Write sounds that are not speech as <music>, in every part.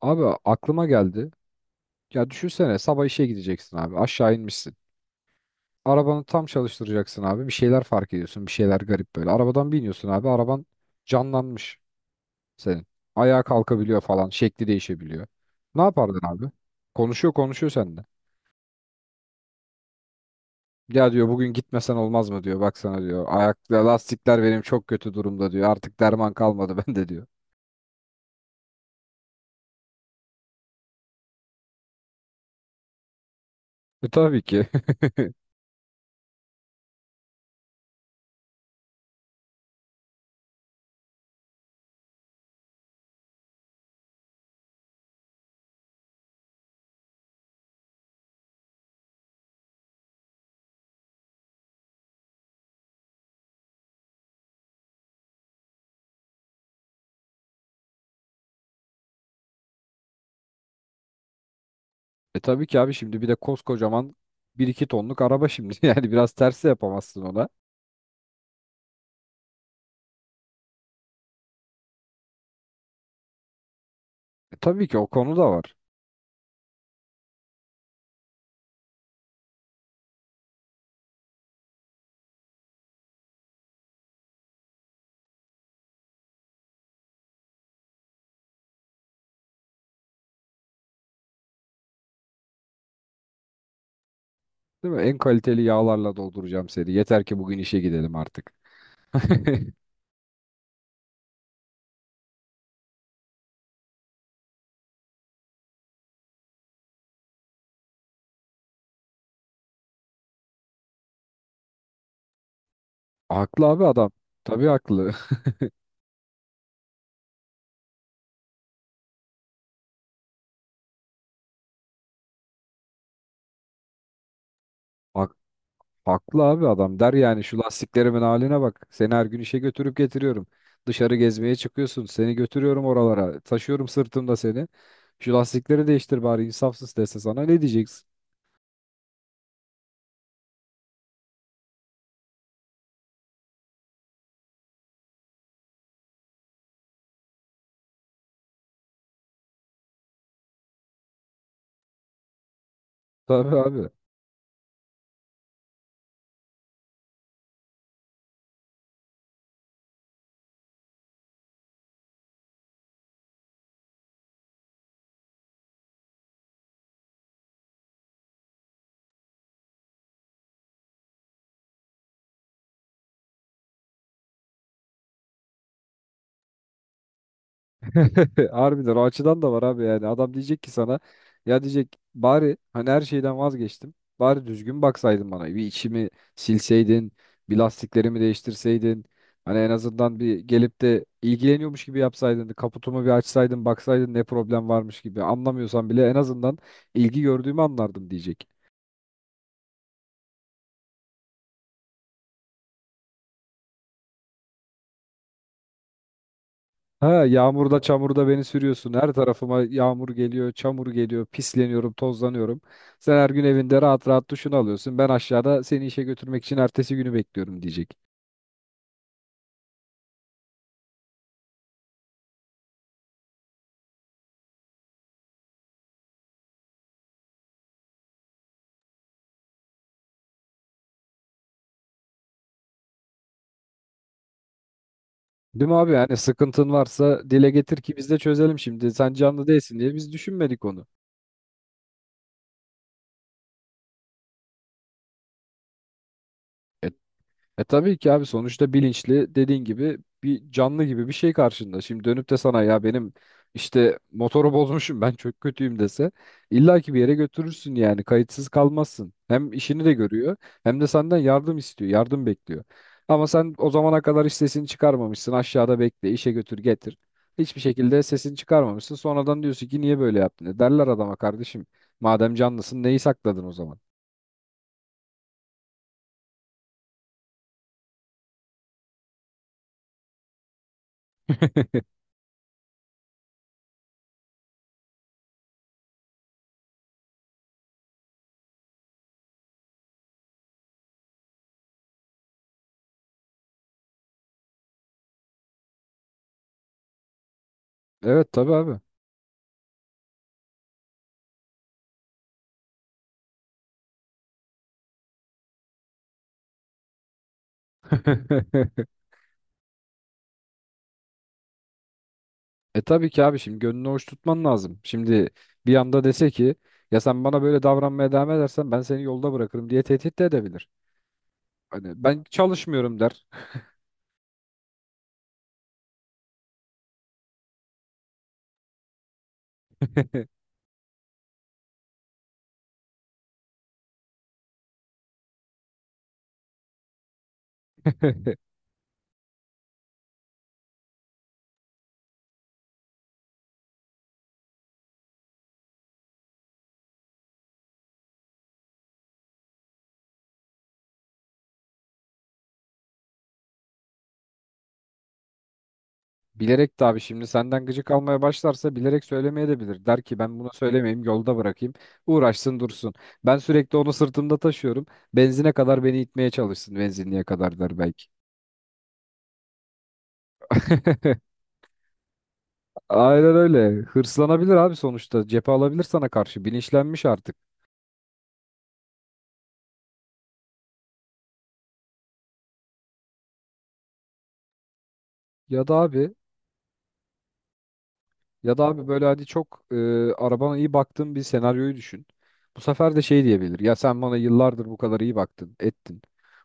Abi aklıma geldi. Ya düşünsene sabah işe gideceksin abi. Aşağı inmişsin. Arabanı tam çalıştıracaksın abi. Bir şeyler fark ediyorsun. Bir şeyler garip böyle. Arabadan biniyorsun abi. Araban canlanmış senin. Ayağa kalkabiliyor falan. Şekli değişebiliyor. Ne yapardın abi? Konuşuyor seninle. Ya diyor bugün gitmesen olmaz mı diyor. Baksana diyor. Ayak lastikler benim çok kötü durumda diyor. Artık derman kalmadı <laughs> bende diyor. E tabii ki. <laughs> E tabii ki abi şimdi bir de koskocaman bir iki tonluk araba şimdi. <laughs> Yani biraz tersi yapamazsın ona. E, tabii ki o konu da var. Değil mi? En kaliteli yağlarla dolduracağım seni. Yeter ki bugün işe gidelim artık. <laughs> Haklı abi adam. Tabii haklı. <laughs> Hak- Haklı abi adam. Der yani şu lastiklerimin haline bak. Seni her gün işe götürüp getiriyorum. Dışarı gezmeye çıkıyorsun. Seni götürüyorum oralara. Taşıyorum sırtımda seni. Şu lastikleri değiştir bari insafsız dese sana ne diyeceksin? Tabii abi. <laughs> Harbiden o açıdan da var abi yani adam diyecek ki sana ya diyecek bari hani her şeyden vazgeçtim bari düzgün baksaydın bana bir içimi silseydin bir lastiklerimi değiştirseydin hani en azından bir gelip de ilgileniyormuş gibi yapsaydın kaputumu bir açsaydın baksaydın ne problem varmış gibi anlamıyorsan bile en azından ilgi gördüğümü anlardım diyecek. Ha yağmurda çamurda beni sürüyorsun. Her tarafıma yağmur geliyor, çamur geliyor, pisleniyorum, tozlanıyorum. Sen her gün evinde rahat rahat duşunu alıyorsun. Ben aşağıda seni işe götürmek için ertesi günü bekliyorum diyecek. Değil mi abi? Yani sıkıntın varsa dile getir ki biz de çözelim şimdi. Sen canlı değilsin diye biz düşünmedik onu. E E tabii ki abi sonuçta bilinçli dediğin gibi bir canlı gibi bir şey karşında. Şimdi dönüp de sana ya benim işte motoru bozmuşum ben çok kötüyüm dese illa ki bir yere götürürsün yani kayıtsız kalmazsın. Hem işini de görüyor hem de senden yardım istiyor, yardım bekliyor. Ama sen o zamana kadar hiç sesini çıkarmamışsın aşağıda bekle işe götür getir. Hiçbir şekilde sesini çıkarmamışsın sonradan diyorsun ki niye böyle yaptın? E derler adama kardeşim madem canlısın neyi sakladın o zaman? <laughs> Evet tabii abi. <laughs> E tabii ki abi şimdi gönlünü hoş tutman lazım. Şimdi bir anda dese ki ya sen bana böyle davranmaya devam edersen ben seni yolda bırakırım diye tehdit de edebilir. Hani ben çalışmıyorum der. <laughs> Bilerek de abi şimdi senden gıcık almaya başlarsa bilerek söylemeyebilir. Der ki ben bunu söylemeyeyim yolda bırakayım. Uğraşsın dursun. Ben sürekli onu sırtımda taşıyorum. Benzine kadar beni itmeye çalışsın benzinliğe kadar der belki. <laughs> Aynen öyle. Hırslanabilir abi sonuçta. Cephe alabilir sana karşı. Bilinçlenmiş artık. Ya da abi Ya da abi böyle hadi çok arabana iyi baktığın bir senaryoyu düşün. Bu sefer de şey diyebilir. Ya sen bana yıllardır bu kadar iyi baktın, ettin.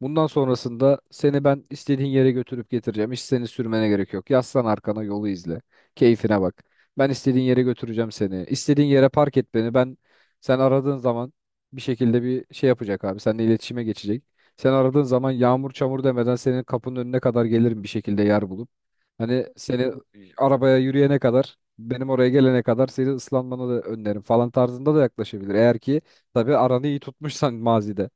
Bundan sonrasında seni ben istediğin yere götürüp getireceğim. Hiç seni sürmene gerek yok. Yaslan arkana yolu izle. Keyfine bak. Ben istediğin yere götüreceğim seni. İstediğin yere park et beni. Sen aradığın zaman bir şekilde bir şey yapacak abi. Seninle iletişime geçecek. Sen aradığın zaman yağmur çamur demeden senin kapının önüne kadar gelirim bir şekilde yer bulup. Hani seni arabaya yürüyene kadar benim oraya gelene kadar seni ıslanmanı da öneririm falan tarzında da yaklaşabilir. Eğer ki tabii aranı iyi tutmuşsan mazide.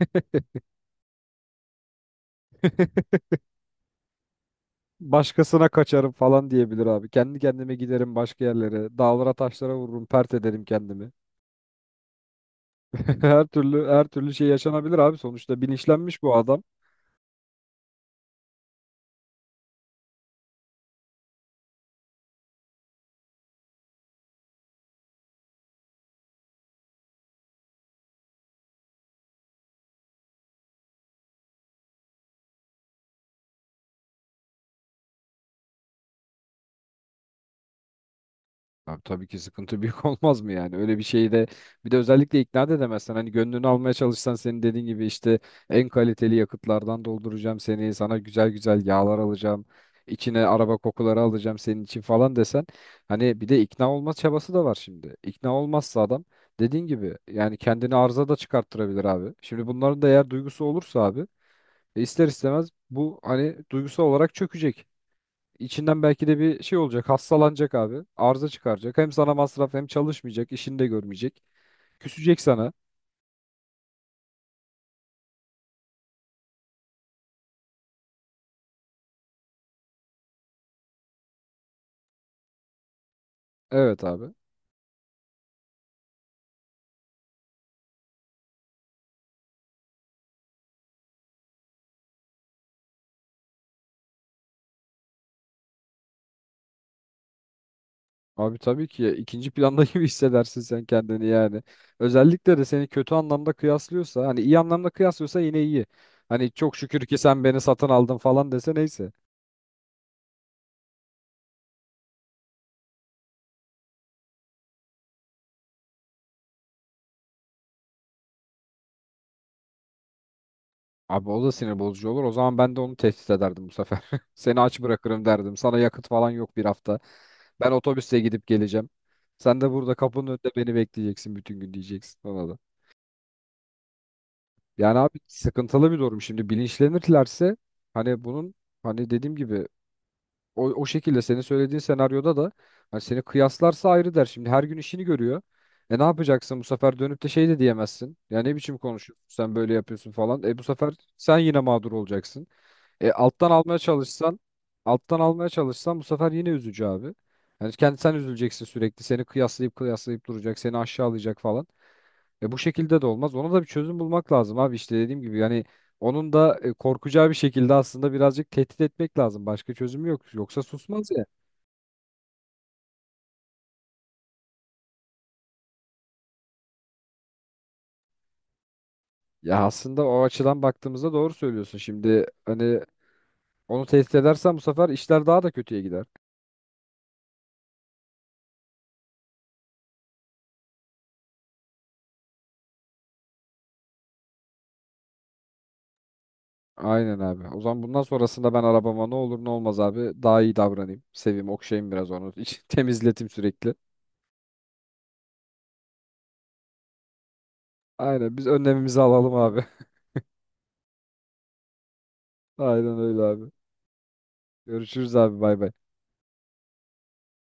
<laughs> Başkasına kaçarım falan diyebilir abi. Kendi kendime giderim başka yerlere. Dağlara taşlara vururum, pert ederim kendimi. <laughs> Her türlü şey yaşanabilir abi. Sonuçta bilinçlenmiş bu adam. Abi tabii ki sıkıntı büyük <laughs> olmaz mı yani? Öyle bir şeyi de bir de özellikle ikna da edemezsen hani gönlünü almaya çalışsan senin dediğin gibi işte en kaliteli yakıtlardan dolduracağım seni, sana güzel güzel yağlar alacağım, içine araba kokuları alacağım senin için falan desen hani bir de ikna olma çabası da var şimdi. İkna olmazsa adam dediğin gibi yani kendini arıza da çıkarttırabilir abi. Şimdi bunların da eğer duygusu olursa abi e ister istemez bu hani duygusal olarak çökecek. İçinden belki de bir şey olacak. Hastalanacak abi. Arıza çıkaracak. Hem sana masraf hem çalışmayacak. İşini de görmeyecek. Küsecek sana. Evet abi. Abi tabii ki ikinci planda <laughs> gibi hissedersin sen kendini yani. Özellikle de seni kötü anlamda kıyaslıyorsa hani iyi anlamda kıyaslıyorsa yine iyi. Hani çok şükür ki sen beni satın aldın falan dese neyse. Abi o da sinir bozucu olur. O zaman ben de onu tehdit ederdim bu sefer. <laughs> Seni aç bırakırım derdim. Sana yakıt falan yok bir hafta. Ben otobüste gidip geleceğim. Sen de burada kapının önünde beni bekleyeceksin bütün gün diyeceksin ona da. Yani abi sıkıntılı bir durum. Şimdi bilinçlenirlerse hani bunun hani dediğim gibi o şekilde senin söylediğin senaryoda da hani seni kıyaslarsa ayrı der. Şimdi her gün işini görüyor. E ne yapacaksın bu sefer dönüp de şey de diyemezsin. Ya ne biçim konuşuyorsun sen böyle yapıyorsun falan. E bu sefer sen yine mağdur olacaksın. E, alttan almaya çalışsan, Alttan almaya çalışsan bu sefer yine üzücü abi. Yani kendi sen üzüleceksin sürekli. Seni kıyaslayıp duracak, seni aşağılayacak falan. E bu şekilde de olmaz. Ona da bir çözüm bulmak lazım abi. İşte dediğim gibi yani onun da korkacağı bir şekilde aslında birazcık tehdit etmek lazım. Başka çözümü yok. Yoksa susmaz ya. Ya aslında o açıdan baktığımızda doğru söylüyorsun. Şimdi hani onu tehdit edersen bu sefer işler daha da kötüye gider. Aynen abi. O zaman bundan sonrasında ben arabama ne olur ne olmaz abi daha iyi davranayım. Seveyim, okşayayım biraz onu. <laughs> Temizletim sürekli. Aynen biz önlemimizi alalım abi. <laughs> Aynen öyle abi. Görüşürüz abi bay bay.